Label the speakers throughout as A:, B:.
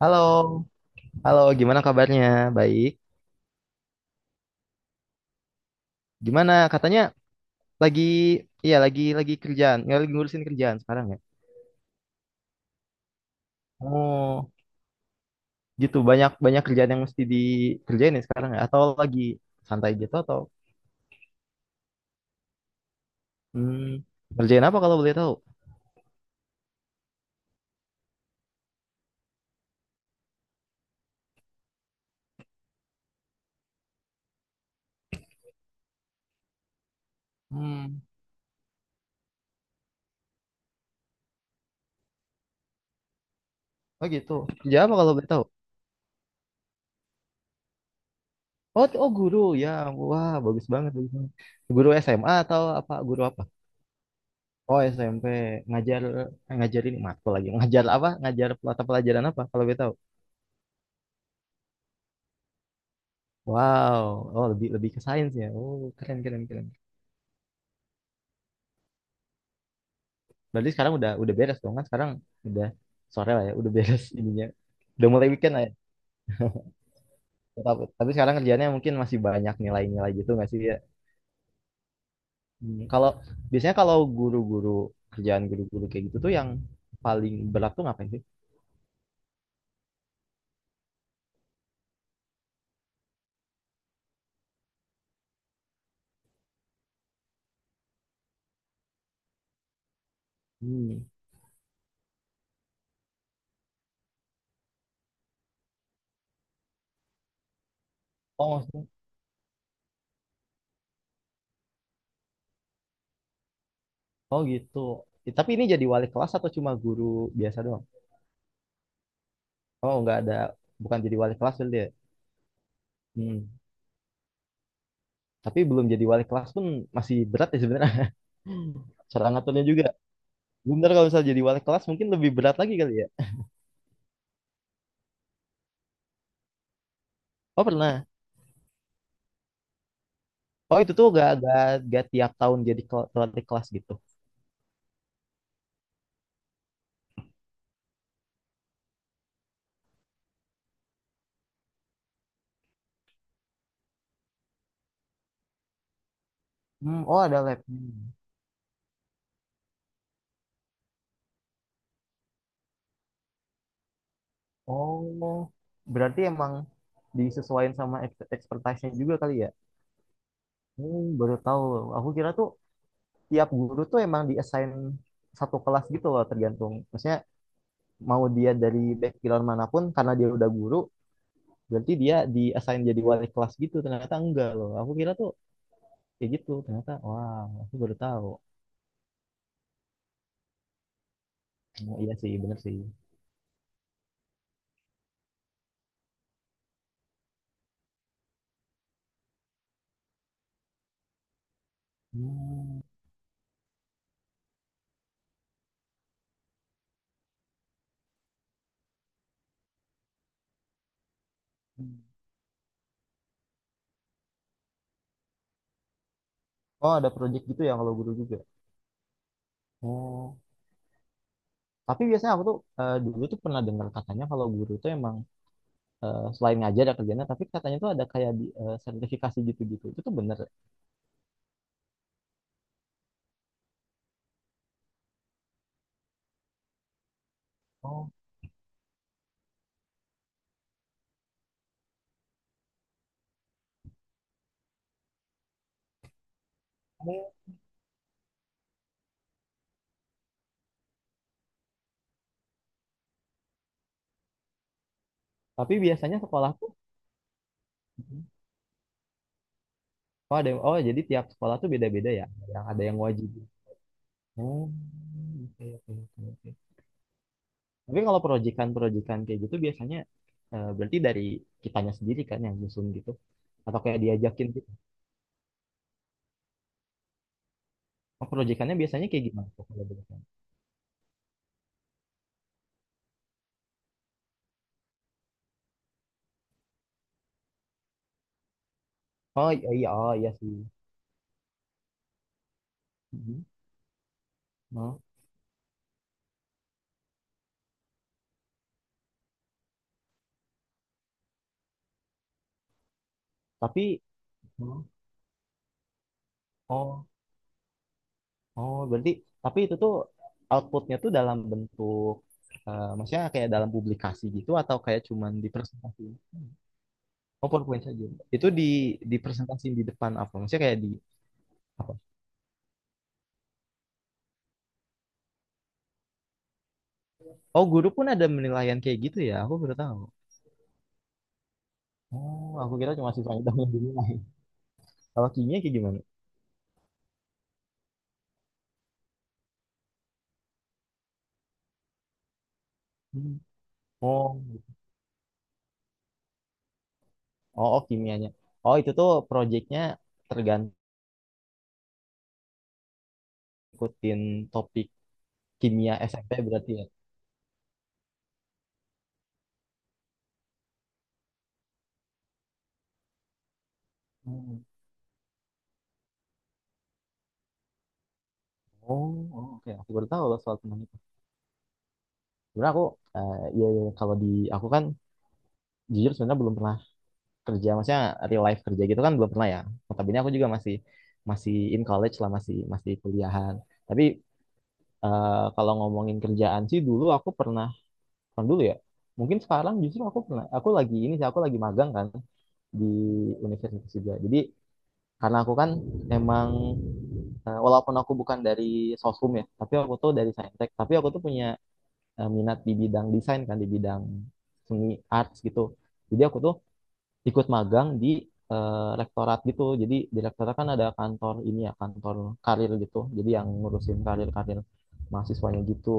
A: Halo, halo, gimana kabarnya? Baik. Gimana? Katanya lagi, iya lagi kerjaan, nggak lagi ngurusin kerjaan sekarang ya? Oh, gitu. Banyak banyak kerjaan yang mesti dikerjain ya sekarang ya? Atau lagi santai gitu atau kerjain apa kalau boleh tahu? Hmm, oh gitu. Kerja apa kalau boleh tahu? Oh, guru ya. Wah, bagus banget, bagus banget. Guru SMA atau apa? Guru apa? Oh SMP, ngajar, ngajarin matkul, lagi ngajar apa, ngajar mata pelajaran apa kalau boleh tahu? Wow, oh lebih lebih ke sains ya. Oh, keren keren keren. Berarti sekarang udah beres dong kan? Sekarang udah sore lah ya, udah beres ininya. Udah mulai weekend lah ya. Tapi sekarang kerjanya mungkin masih banyak nilai-nilai gitu nggak sih ya? Hmm. Kalau biasanya kalau guru-guru, kerjaan guru-guru kayak gitu tuh yang paling berat tuh ngapain sih? Hmm. Oh, maksudnya, oh gitu. Tapi ini jadi wali kelas atau cuma guru biasa doang? Oh, nggak ada, bukan jadi wali kelas berarti ya? Hmm. Tapi belum jadi wali kelas pun masih berat ya sebenarnya. Cara ngaturnya juga. Bener, kalau misalnya jadi wali kelas mungkin lebih berat lagi kali ya. Oh pernah. Oh itu tuh gak tiap tahun jadi wali kelas gitu. Hmm, oh ada labnya. Hmm. Oh, berarti emang disesuaikan sama expertise-nya juga kali ya? Hmm, baru tahu. Aku kira tuh tiap guru tuh emang diassign satu kelas gitu loh, tergantung. Maksudnya mau dia dari background manapun, karena dia udah guru, berarti dia diassign jadi wali kelas gitu. Ternyata enggak loh. Aku kira tuh kayak gitu, ternyata wah, aku baru tahu. Oh, iya sih, bener sih. Hmm, oh ada project gitu ya kalau guru juga. Oh, tapi biasanya aku tuh, dulu tuh pernah dengar katanya kalau guru tuh emang, selain ngajar ada kerjanya, tapi katanya tuh ada kayak di sertifikasi gitu-gitu, itu tuh bener ya? Oh. Tapi biasanya sekolah tuh, oh ada, oh jadi tiap sekolah tuh beda-beda ya, yang ada yang wajib. Oh, oke oke oke oke. Tapi kalau proyekan-proyekan kayak gitu biasanya, berarti dari kitanya sendiri kan yang nyusun gitu, atau kayak diajakin gitu. Oh, proyekannya biasanya kayak gimana tuh kalau boleh tahu? Oh iya iya, oh iya sih. Mhm. Oh, tapi, oh oh oh, berarti, tapi itu tuh outputnya tuh dalam bentuk, maksudnya kayak dalam publikasi gitu, atau kayak cuman di presentasi. Oh PowerPoint saja. Itu di dipresentasi di depan apa? Maksudnya kayak di apa? Oh guru pun ada penilaian kayak gitu ya? Aku baru tahu. Oh aku kira cuma siswanya doang yang dinilai. Kalau kimia kayak gimana? Hmm. Oh, iya. Oh, oh kimianya. Oh itu tuh proyeknya tergantung, ikutin topik, kimia SMP berarti ya. Hmm. Oh, oh, oke. Aku baru tahu loh soal tentang itu. Sebenarnya aku, iya, iya, iya. Kalau di aku kan, jujur sebenarnya belum pernah kerja, maksudnya real life kerja gitu kan belum pernah ya. Notabene aku juga masih, masih in college lah, masih masih kuliahan. Tapi kalau ngomongin kerjaan sih, dulu aku pernah, bukan dulu ya. Mungkin sekarang justru aku pernah, aku lagi ini sih, aku lagi magang kan di universitas juga. Jadi, karena aku kan emang, walaupun aku bukan dari sosum ya, tapi aku tuh dari saintek. Tapi aku tuh punya, minat di bidang desain kan, di bidang seni, arts gitu. Jadi aku tuh ikut magang di, rektorat gitu. Jadi di rektorat kan ada kantor ini ya, kantor karir gitu. Jadi yang ngurusin karir-karir mahasiswanya gitu,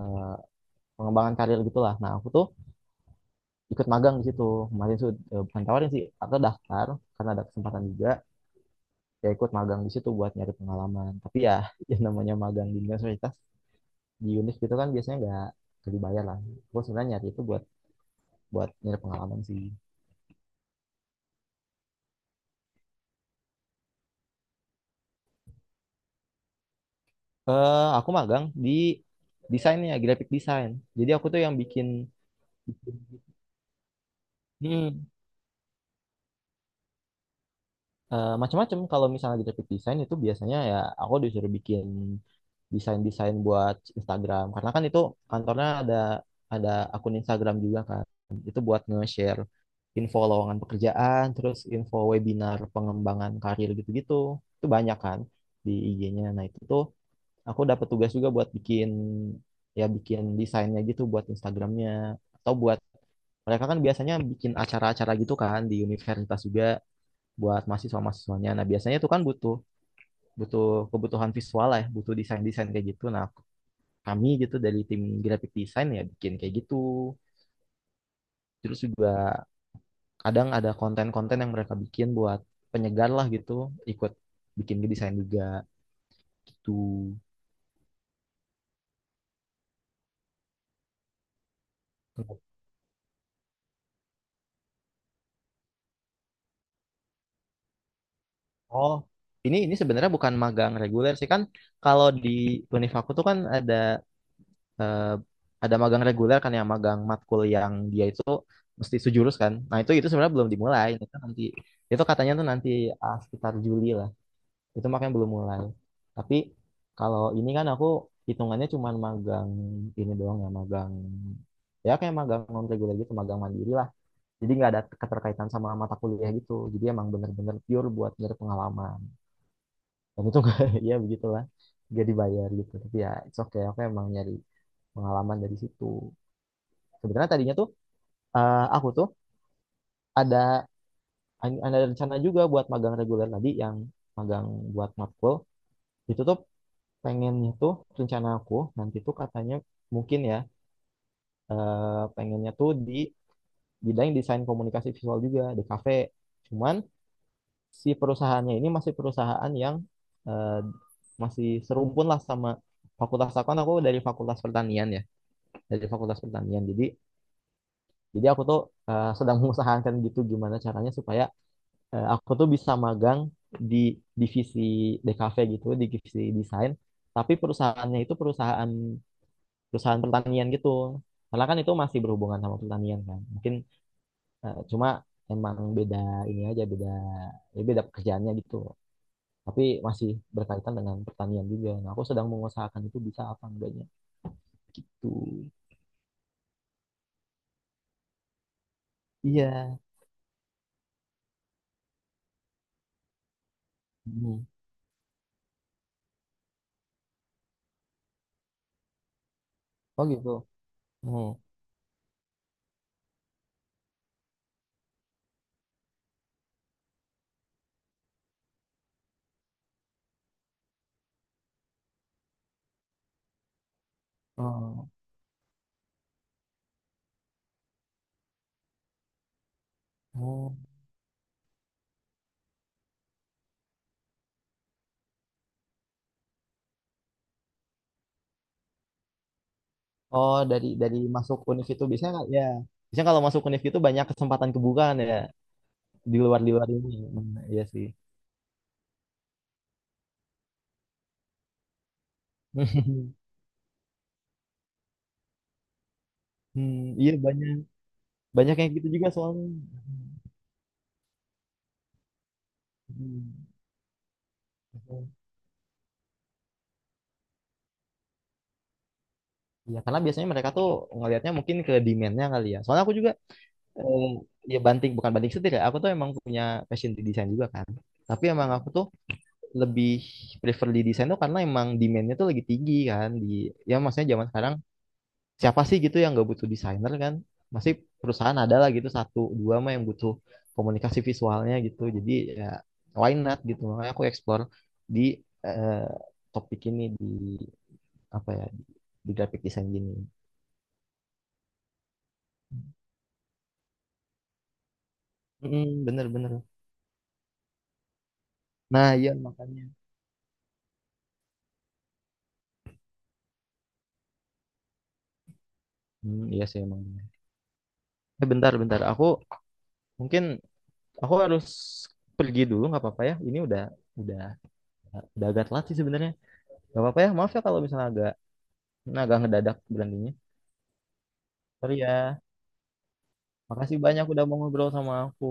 A: eh, pengembangan karir gitulah. Nah aku tuh ikut magang di situ. Kemarin tuh, bukan tawarin sih, aku daftar karena ada kesempatan juga. Ya ikut magang di situ buat nyari pengalaman, tapi ya yang namanya magang di universitas, di univ gitu kan biasanya nggak dibayar lah. Gue sebenarnya nyari itu buat buat nyari pengalaman sih. Aku magang di desainnya, graphic design, jadi aku tuh yang bikin. Hmm. Macam-macam, kalau misalnya graphic design itu biasanya ya aku disuruh bikin desain, desain buat Instagram, karena kan itu kantornya ada akun Instagram juga kan, itu buat nge-share info lowongan pekerjaan, terus info webinar pengembangan karir gitu-gitu, itu banyak kan di IG-nya. Nah itu tuh aku dapat tugas juga buat bikin, ya bikin desainnya gitu buat Instagramnya, atau buat, mereka kan biasanya bikin acara-acara gitu kan di universitas juga buat mahasiswa-mahasiswanya. Nah, biasanya itu kan butuh butuh kebutuhan visual lah, ya, butuh desain-desain kayak gitu. Nah, aku, kami gitu dari tim graphic design ya bikin kayak gitu. Terus juga kadang ada konten-konten yang mereka bikin buat penyegar lah gitu, ikut bikin desain juga gitu. Oh, ini sebenarnya bukan magang reguler sih kan. Kalau di univ aku tuh kan ada, eh, ada magang reguler kan, yang magang matkul, yang dia itu mesti sejurus kan. Nah, itu sebenarnya belum dimulai. Itu nanti, itu katanya tuh nanti, sekitar Juli lah. Itu makanya belum mulai. Tapi kalau ini kan aku hitungannya cuma magang ini doang ya, magang ya kayak magang non reguler gitu, magang mandiri lah. Jadi nggak ada keterkaitan sama mata kuliah gitu, jadi emang bener-bener pure buat nyari pengalaman, dan itu nggak ya begitulah, gak dibayar gitu, tapi ya it's okay, aku emang nyari pengalaman dari situ. Sebenarnya tadinya tuh, aku tuh ada ada rencana juga buat magang reguler tadi, yang magang buat matkul. Itu tuh pengennya tuh, rencana aku nanti tuh katanya, mungkin ya, eh, pengennya tuh di bidang desain komunikasi visual juga di kafe. Cuman si perusahaannya ini masih perusahaan yang, eh, masih serumpun lah sama fakultas aku kan, aku dari fakultas pertanian ya, dari fakultas pertanian. Jadi aku tuh, sedang mengusahakan gitu gimana caranya supaya, aku tuh bisa magang di divisi DKV gitu, di divisi desain, tapi perusahaannya itu perusahaan perusahaan pertanian gitu. Karena kan itu masih berhubungan sama pertanian kan. Mungkin, cuma emang beda ini aja, beda, ya beda pekerjaannya gitu. Tapi masih berkaitan dengan pertanian juga. Nah, aku sedang mengusahakan itu bisa apa enggaknya gitu. Iya. Hmm. Oh gitu. Hmm. Oh. Oh. Oh, dari masuk univ itu bisa nggak? Ya. Biasanya kalau masuk univ itu banyak kesempatan kebukaan ya, di luar ini. Hmm, iya sih. Hmm, iya banyak. Banyak yang gitu juga soalnya. Hmm. Ya karena biasanya mereka tuh ngelihatnya mungkin ke demand-nya kali ya, soalnya aku juga, eh, ya banting, bukan banting setir ya, aku tuh emang punya passion di desain juga kan. Tapi emang aku tuh lebih prefer di desain tuh karena emang demand-nya tuh lagi tinggi kan di, ya maksudnya zaman sekarang siapa sih gitu yang nggak butuh desainer kan. Masih, perusahaan ada lah gitu satu dua mah yang butuh komunikasi visualnya gitu. Jadi ya, why not gitu, makanya aku explore di, eh, topik ini di apa ya, di graphic design gini. Mm, bener-bener. Nah, iya makanya. Hmm, iya sih emang. Eh, bentar, bentar. Aku mungkin aku harus pergi dulu, nggak apa-apa ya. Ini udah udah agak telat sih sebenarnya. Nggak apa-apa ya. Maaf ya kalau misalnya agak, nah, agak ngedadak berhentinya. Sorry ya. Makasih banyak udah mau ngobrol sama aku.